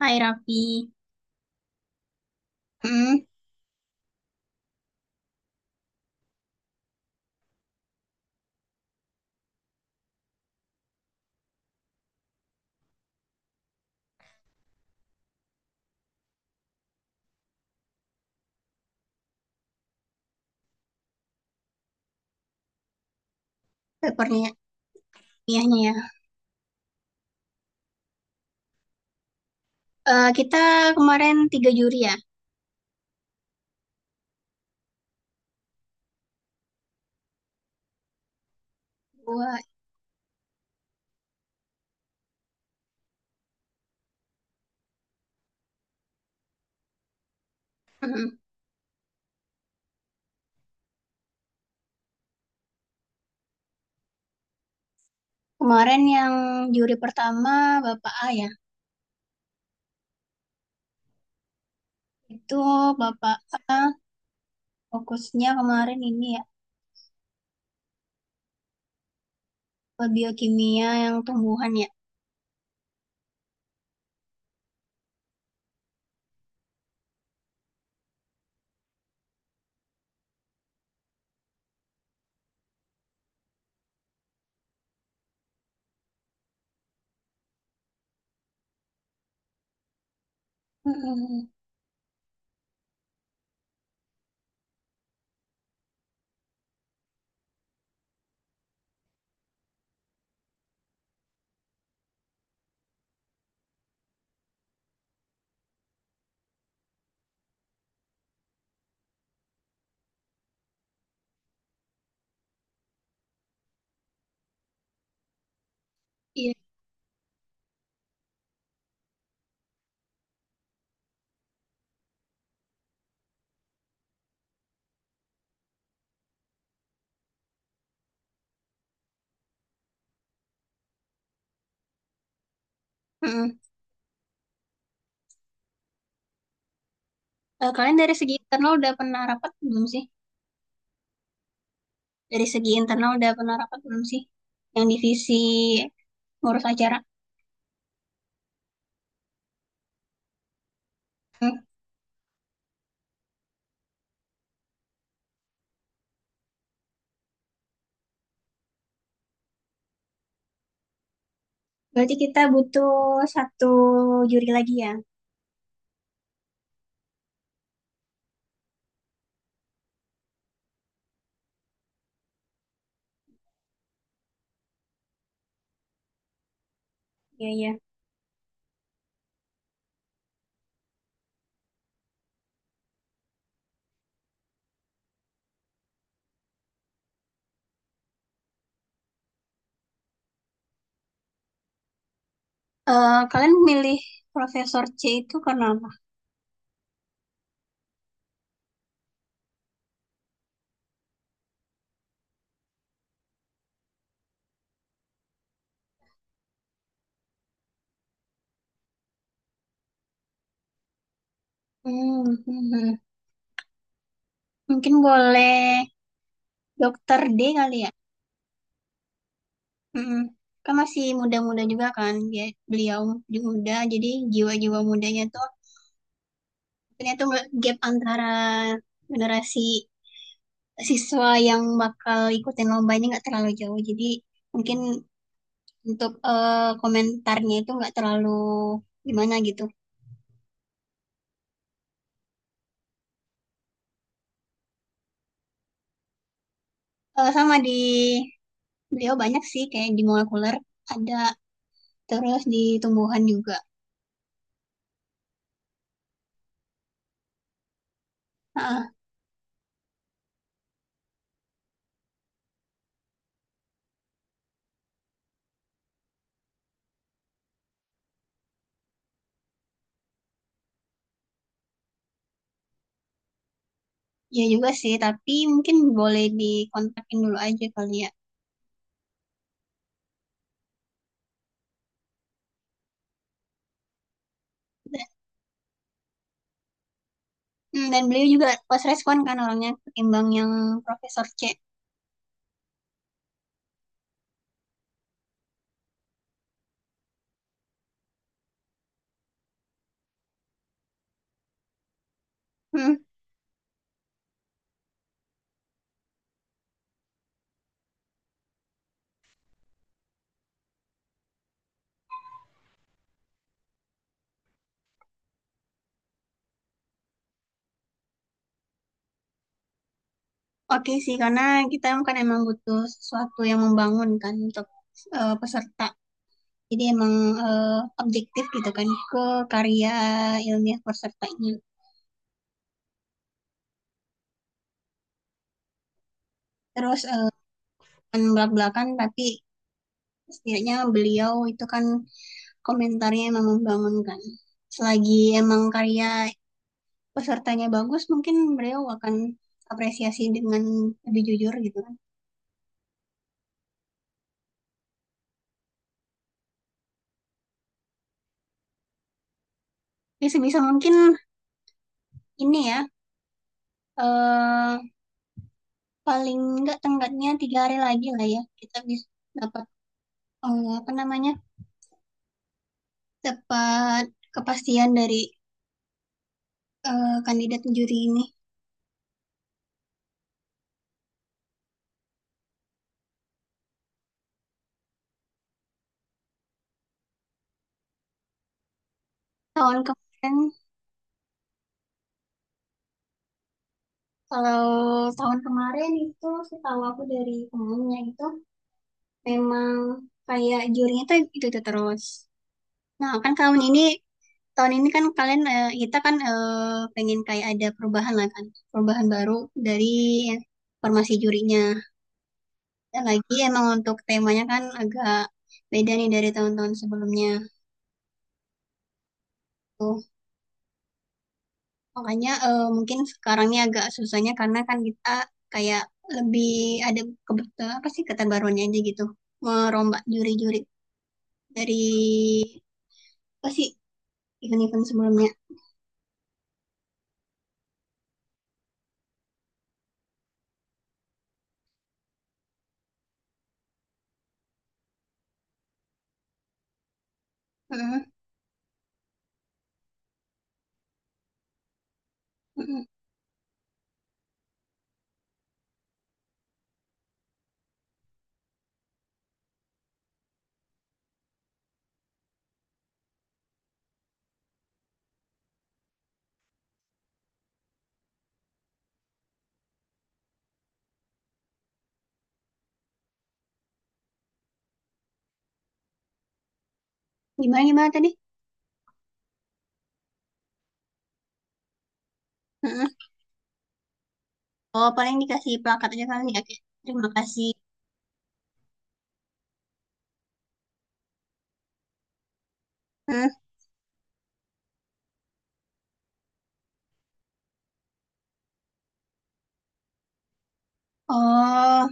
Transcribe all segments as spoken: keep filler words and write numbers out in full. Hai Raffi, hmm, perniahannya ya. Eh, kita kemarin tiga juri ya. Gua, mm. Kemarin yang juri pertama Bapak A ya. Itu Bapak A fokusnya kemarin ini ya ke biokimia yang tumbuhan ya. Mm-mm. Iya. Mm-mm. Eh, kalian dari segi internal udah pernah rapat belum sih? Dari segi internal udah pernah rapat belum sih? Yang divisi ngurus acara. Hmm. Berarti kita butuh satu juri lagi ya. Iya, iya. Eh, kalian milih Profesor C itu karena apa? Hmm, hmm, hmm. Mungkin boleh Dokter D kali ya. Hmm. Kan masih muda-muda juga kan, dia beliau juga muda, jadi jiwa-jiwa mudanya tuh mungkin tuh gap antara generasi siswa yang bakal ikutin lomba ini nggak terlalu jauh. Jadi mungkin untuk eh, komentarnya itu nggak terlalu gimana gitu. Eh, sama di beliau banyak sih kayak di molekuler ada terus di tumbuhan juga. ah Ya juga sih, tapi mungkin boleh dikontakin dulu aja kali ya. Dan, hmm, dan beliau juga pas respon kan orangnya ketimbang yang Profesor C. Hmm, oke sih, karena kita kan emang butuh sesuatu yang membangunkan untuk eh, peserta. Jadi emang eh, objektif gitu kan ke karya ilmiah pesertanya. Terus eh, bukan belak-belakan tapi setidaknya beliau itu kan komentarnya emang membangunkan. Selagi emang karya pesertanya bagus, mungkin beliau akan apresiasi dengan lebih jujur gitu kan. Jadi sebisa mungkin ini ya, eh, paling nggak tenggatnya tiga hari lagi lah ya, kita bisa dapat eh, apa namanya, dapat kepastian dari eh, kandidat juri ini. Tahun kemarin, kalau tahun kemarin itu setahu aku dari temennya itu memang kayak jurinya tuh itu itu terus. Nah, kan tahun ini tahun ini kan kalian eh, kita kan eh, pengen kayak ada perubahan lah kan, perubahan baru dari formasi jurinya. Dan lagi emang untuk temanya kan agak beda nih dari tahun-tahun sebelumnya. Tuh, makanya eh, mungkin sekarang ini agak susahnya karena kan kita kayak lebih ada kebetulan apa sih keterbaruannya aja gitu, merombak juri-juri dari apa sih event-event sebelumnya. Mm. Mm-mm. Gimana gimana tadi? Mm-mm. Oh paling dikasih plakat aja kali. Oke. Terima kasih. Mm. Oh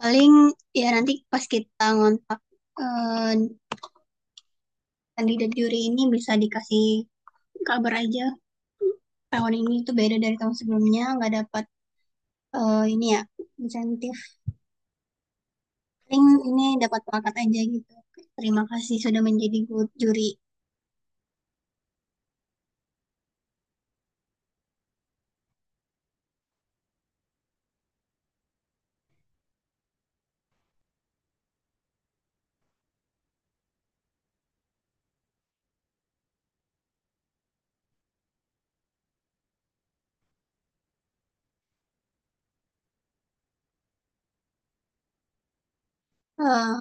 paling ya nanti pas kita ngontak eh, kandidat juri ini bisa dikasih kabar aja tahun ini tuh beda dari tahun sebelumnya nggak dapat eh, ini ya, insentif. Paling ini dapat plakat aja gitu. Terima kasih sudah menjadi gu- juri. Eh,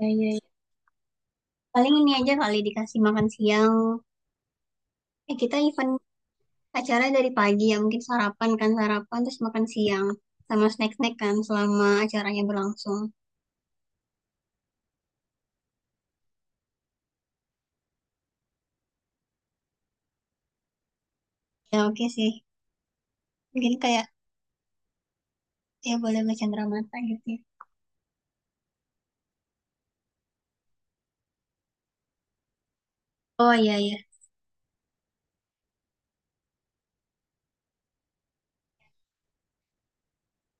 Ya, ya, ya. Paling ini aja kali dikasih makan siang. Eh kita event acara dari pagi ya mungkin sarapan kan sarapan terus makan siang sama snack-snack kan selama acaranya berlangsung. Ya oke sih mungkin kayak ya boleh boleh mata gitu ya. Oh iya iya,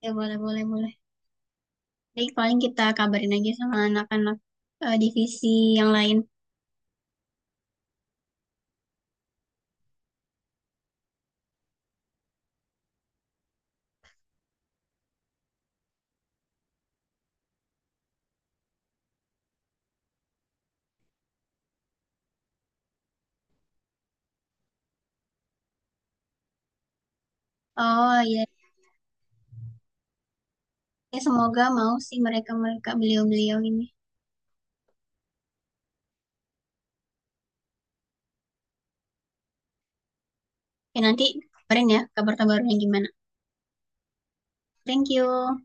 ya boleh boleh boleh jadi paling kita kabarin aja sama anak-anak eh, divisi yang lain. Oh iya ya semoga mau sih mereka mereka beliau beliau ini ya nanti kabarin ya kabar terbarunya gimana. Thank you.